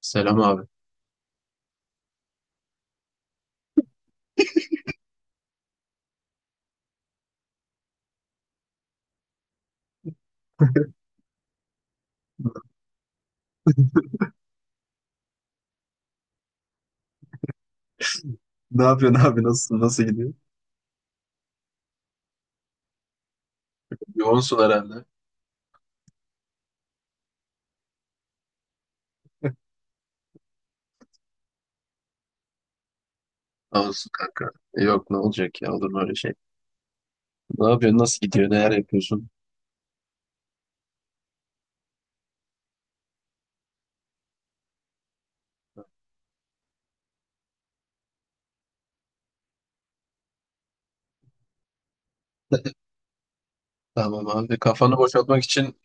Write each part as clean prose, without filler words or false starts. Selam abi. Ne yapıyorsun abi? Nasılsın? Nasıl gidiyor? Yoğunsun herhalde. Olsun kanka. Yok ne olacak ya olur mu öyle şey? Ne yapıyorsun? Nasıl gidiyor? Neler yapıyorsun? Tamam abi. Kafanı boşaltmak için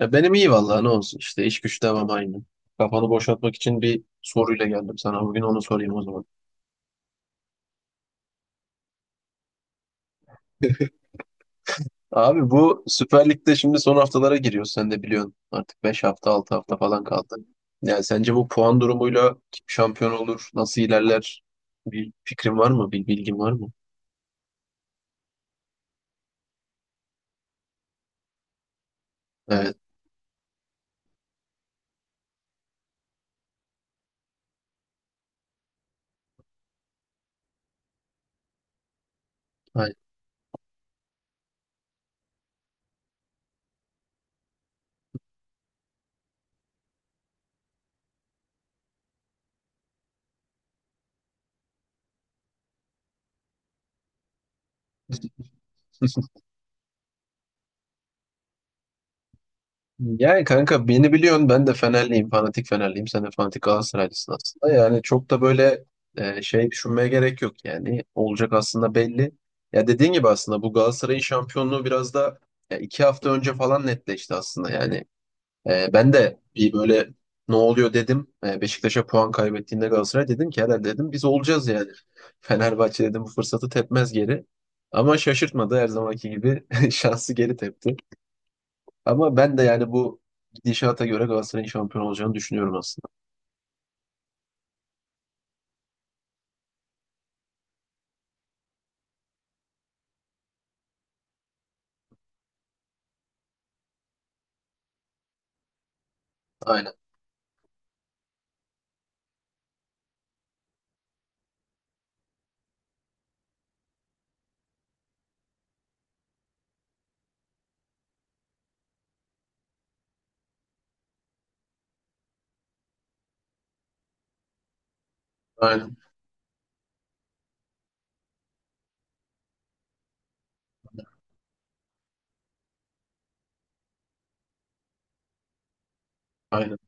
ya benim iyi vallahi ne olsun işte iş güç devam aynı. Kafanı boşaltmak için bir soruyla geldim sana. Bugün onu sorayım o zaman. Abi bu Süper Lig'de şimdi son haftalara giriyor. Sen de biliyorsun. Artık 5 hafta 6 hafta falan kaldı. Yani sence bu puan durumuyla kim şampiyon olur? Nasıl ilerler? Bir fikrin var mı? Bir bilgin var mı? Evet. Aynen. Yani kanka beni biliyorsun ben de Fenerliyim. Fanatik Fenerliyim. Sen de fanatik Galatasaraylısın aslında. Yani çok da böyle şey düşünmeye gerek yok yani. Olacak aslında belli. Ya dediğin gibi aslında bu Galatasaray'ın şampiyonluğu biraz da ya 2 hafta önce falan netleşti aslında. Yani ben de bir böyle ne oluyor dedim. E, Beşiktaş'a puan kaybettiğinde Galatasaray dedim ki herhalde dedim biz olacağız yani. Fenerbahçe dedim bu fırsatı tepmez geri. Ama şaşırtmadı her zamanki gibi şansı geri tepti. Ama ben de yani bu gidişata göre Galatasaray'ın şampiyon olacağını düşünüyorum aslında. Aynen, aynen, aynen.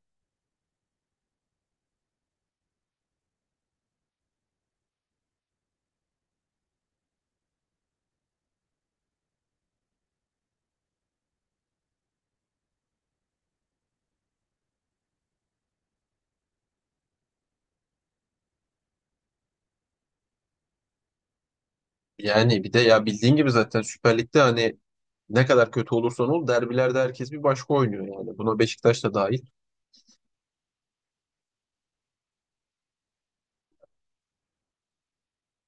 Yani bir de ya bildiğin gibi zaten Süper Lig'de hani ne kadar kötü olursan ol derbilerde herkes bir başka oynuyor yani. Buna Beşiktaş da dahil.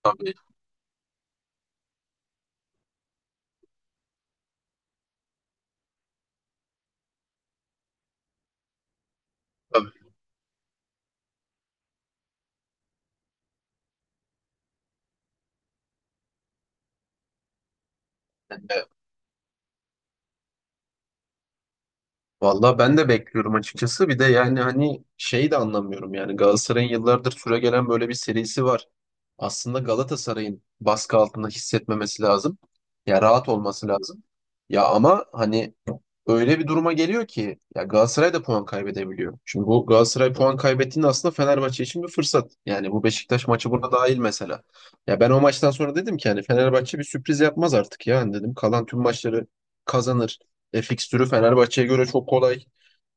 Tabii, tabii. Yani, valla ben de bekliyorum açıkçası. Bir de yani hani şeyi de anlamıyorum yani Galatasaray'ın yıllardır süregelen böyle bir serisi var. Aslında Galatasaray'ın baskı altında hissetmemesi lazım. Ya rahat olması lazım. Ya ama hani öyle bir duruma geliyor ki ya Galatasaray da puan kaybedebiliyor. Şimdi bu Galatasaray puan kaybettiğinde aslında Fenerbahçe için bir fırsat. Yani bu Beşiktaş maçı buna dahil mesela. Ya ben o maçtan sonra dedim ki hani Fenerbahçe bir sürpriz yapmaz artık ya. Hani dedim kalan tüm maçları kazanır. E, fikstürü Fenerbahçe'ye göre çok kolay.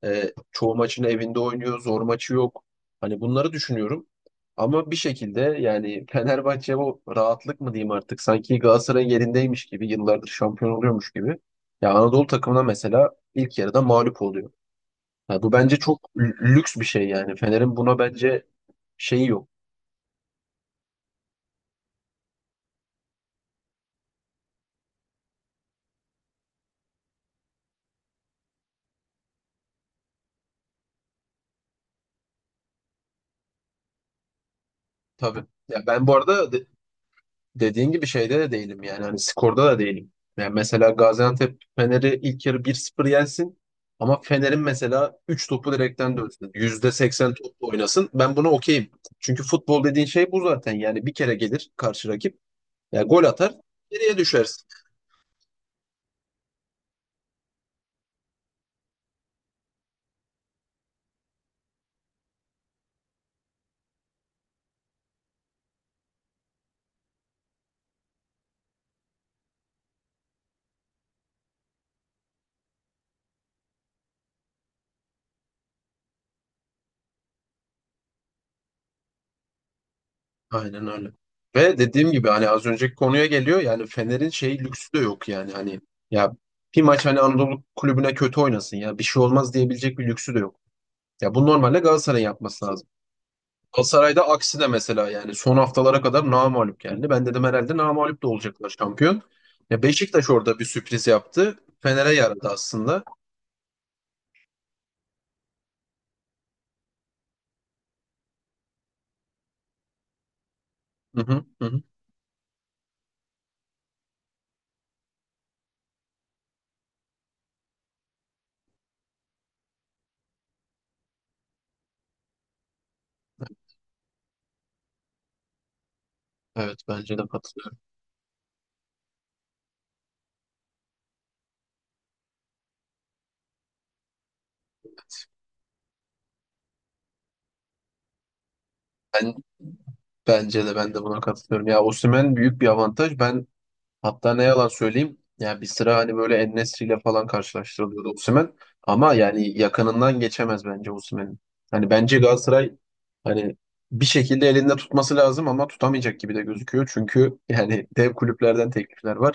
E, çoğu maçını evinde oynuyor. Zor maçı yok. Hani bunları düşünüyorum. Ama bir şekilde yani Fenerbahçe bu rahatlık mı diyeyim artık sanki Galatasaray'ın yerindeymiş gibi yıllardır şampiyon oluyormuş gibi. Ya Anadolu takımına mesela ilk yarıda mağlup oluyor. Ya bu bence çok lüks bir şey yani. Fener'in buna bence şeyi yok. Tabii. Ya ben bu arada dediğin gibi şeyde de değilim yani. Hani skorda da değilim. Yani mesela Gaziantep Fener'i ilk yarı bir 0 yensin ama Fener'in mesela 3 topu direkten dönsün. Yüzde seksen topla oynasın. Ben buna okeyim. Çünkü futbol dediğin şey bu zaten. Yani bir kere gelir karşı rakip. Yani gol atar, geriye düşersin. Aynen öyle. Ve dediğim gibi hani az önceki konuya geliyor yani Fener'in şey lüksü de yok yani hani ya bir maç hani Anadolu kulübüne kötü oynasın ya bir şey olmaz diyebilecek bir lüksü de yok. Ya bu normalde Galatasaray'ın yapması lazım. Galatasaray'da aksi de mesela yani son haftalara kadar namağlup geldi. Ben dedim herhalde namağlup da olacaklar şampiyon. Ya Beşiktaş orada bir sürpriz yaptı. Fener'e yaradı aslında. Hı hı, hı hı. Evet bence de katılıyorum. Ben, bence de ben de buna katılıyorum. Ya Osimhen büyük bir avantaj. Hatta ne yalan söyleyeyim, yani bir sıra hani böyle En-Nesyri ile falan karşılaştırılıyordu Osimhen. Ama yani yakınından geçemez bence Osimhen'in. Hani bence Galatasaray hani bir şekilde elinde tutması lazım ama tutamayacak gibi de gözüküyor. Çünkü yani dev kulüplerden teklifler var.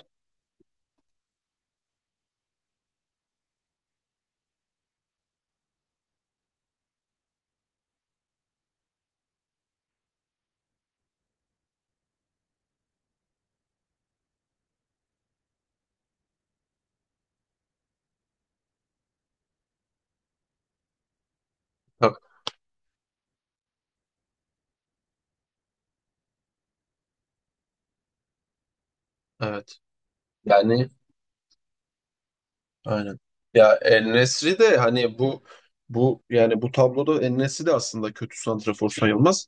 Bak, evet. Yani aynen. Ya En-Nesyri de hani bu yani bu tabloda En-Nesyri de aslında kötü santrafor sayılmaz.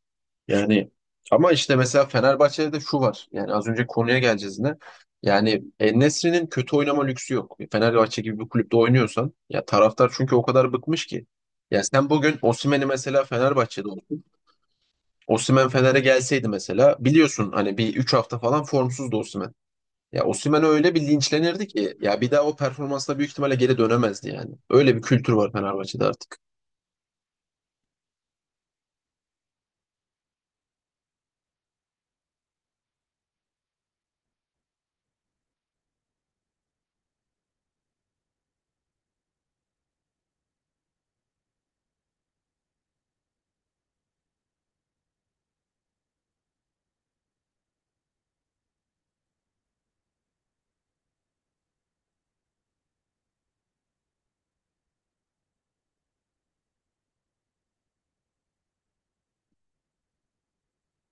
Yani ama işte mesela Fenerbahçe'de de şu var. Yani az önce konuya geleceğiz yine. Yani En-Nesyri'nin kötü oynama lüksü yok. Fenerbahçe gibi bir kulüpte oynuyorsan ya taraftar çünkü o kadar bıkmış ki. Ya sen bugün Osimhen'i mesela Fenerbahçe'de olsun. Osimhen Fener'e gelseydi mesela biliyorsun hani bir 3 hafta falan formsuzdu Osimhen. Ya Osimhen öyle bir linçlenirdi ki ya bir daha o performansla büyük ihtimalle geri dönemezdi yani. Öyle bir kültür var Fenerbahçe'de artık.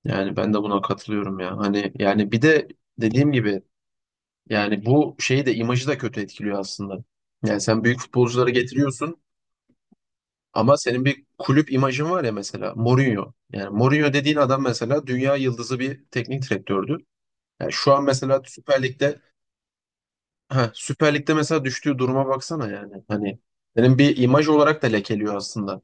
Yani ben de buna katılıyorum ya. Hani yani bir de dediğim gibi yani bu şeyi de imajı da kötü etkiliyor aslında. Yani sen büyük futbolcuları getiriyorsun ama senin bir kulüp imajın var ya mesela Mourinho. Yani Mourinho dediğin adam mesela dünya yıldızı bir teknik direktördü. Yani şu an mesela Süper Lig'de mesela düştüğü duruma baksana yani. Hani senin bir imaj olarak da lekeliyor aslında.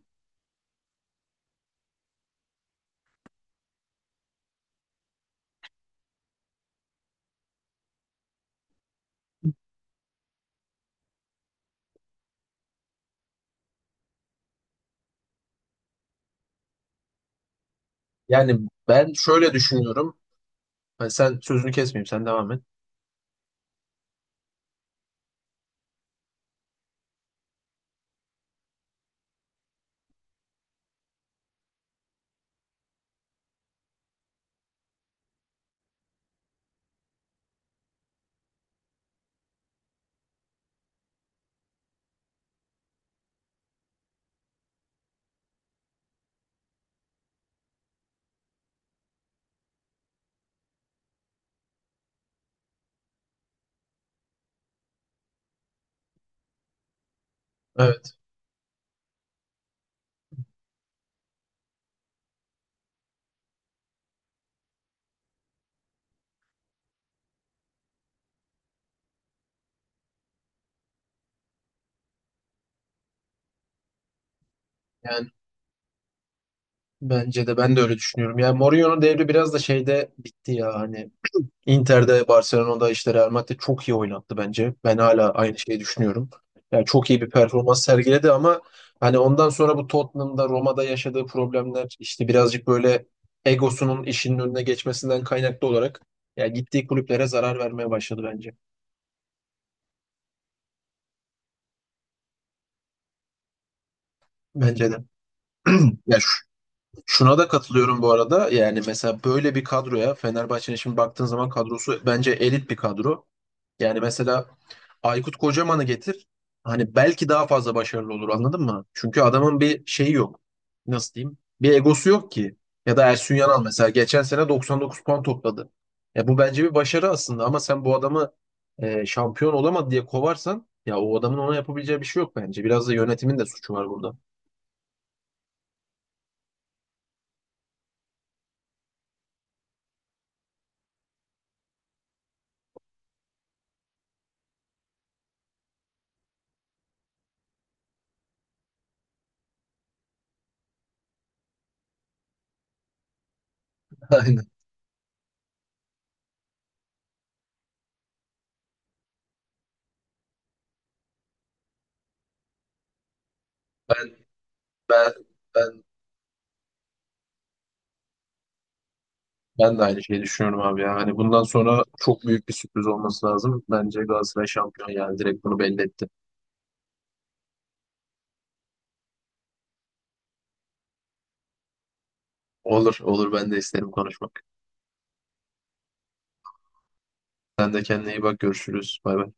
Yani ben şöyle düşünüyorum. Hani sen sözünü kesmeyeyim, sen devam et. Evet, yani bence de ben de öyle düşünüyorum. Yani Mourinho'nun devri biraz da şeyde bitti ya hani Inter'de, Barcelona'da işte Real Madrid çok iyi oynattı bence. Ben hala aynı şeyi düşünüyorum. Yani çok iyi bir performans sergiledi ama hani ondan sonra bu Tottenham'da, Roma'da yaşadığı problemler işte birazcık böyle egosunun işinin önüne geçmesinden kaynaklı olarak ya gittiği kulüplere zarar vermeye başladı bence. Bence de. Ya şuna da katılıyorum bu arada. Yani mesela böyle bir kadroya Fenerbahçe'nin şimdi baktığın zaman kadrosu bence elit bir kadro. Yani mesela Aykut Kocaman'ı getir. Hani belki daha fazla başarılı olur anladın mı? Çünkü adamın bir şeyi yok. Nasıl diyeyim? Bir egosu yok ki. Ya da Ersun Yanal mesela geçen sene 99 puan topladı. Ya bu bence bir başarı aslında ama sen bu adamı şampiyon olamadı diye kovarsan ya o adamın ona yapabileceği bir şey yok bence. Biraz da yönetimin de suçu var burada. Aynen. Ben ben ben Ben de aynı şeyi düşünüyorum abi ya. Hani bundan sonra çok büyük bir sürpriz olması lazım. Bence Galatasaray şampiyon yani direkt bunu belli etti. Olur olur ben de isterim konuşmak. Sen de kendine iyi bak görüşürüz. Bay bay.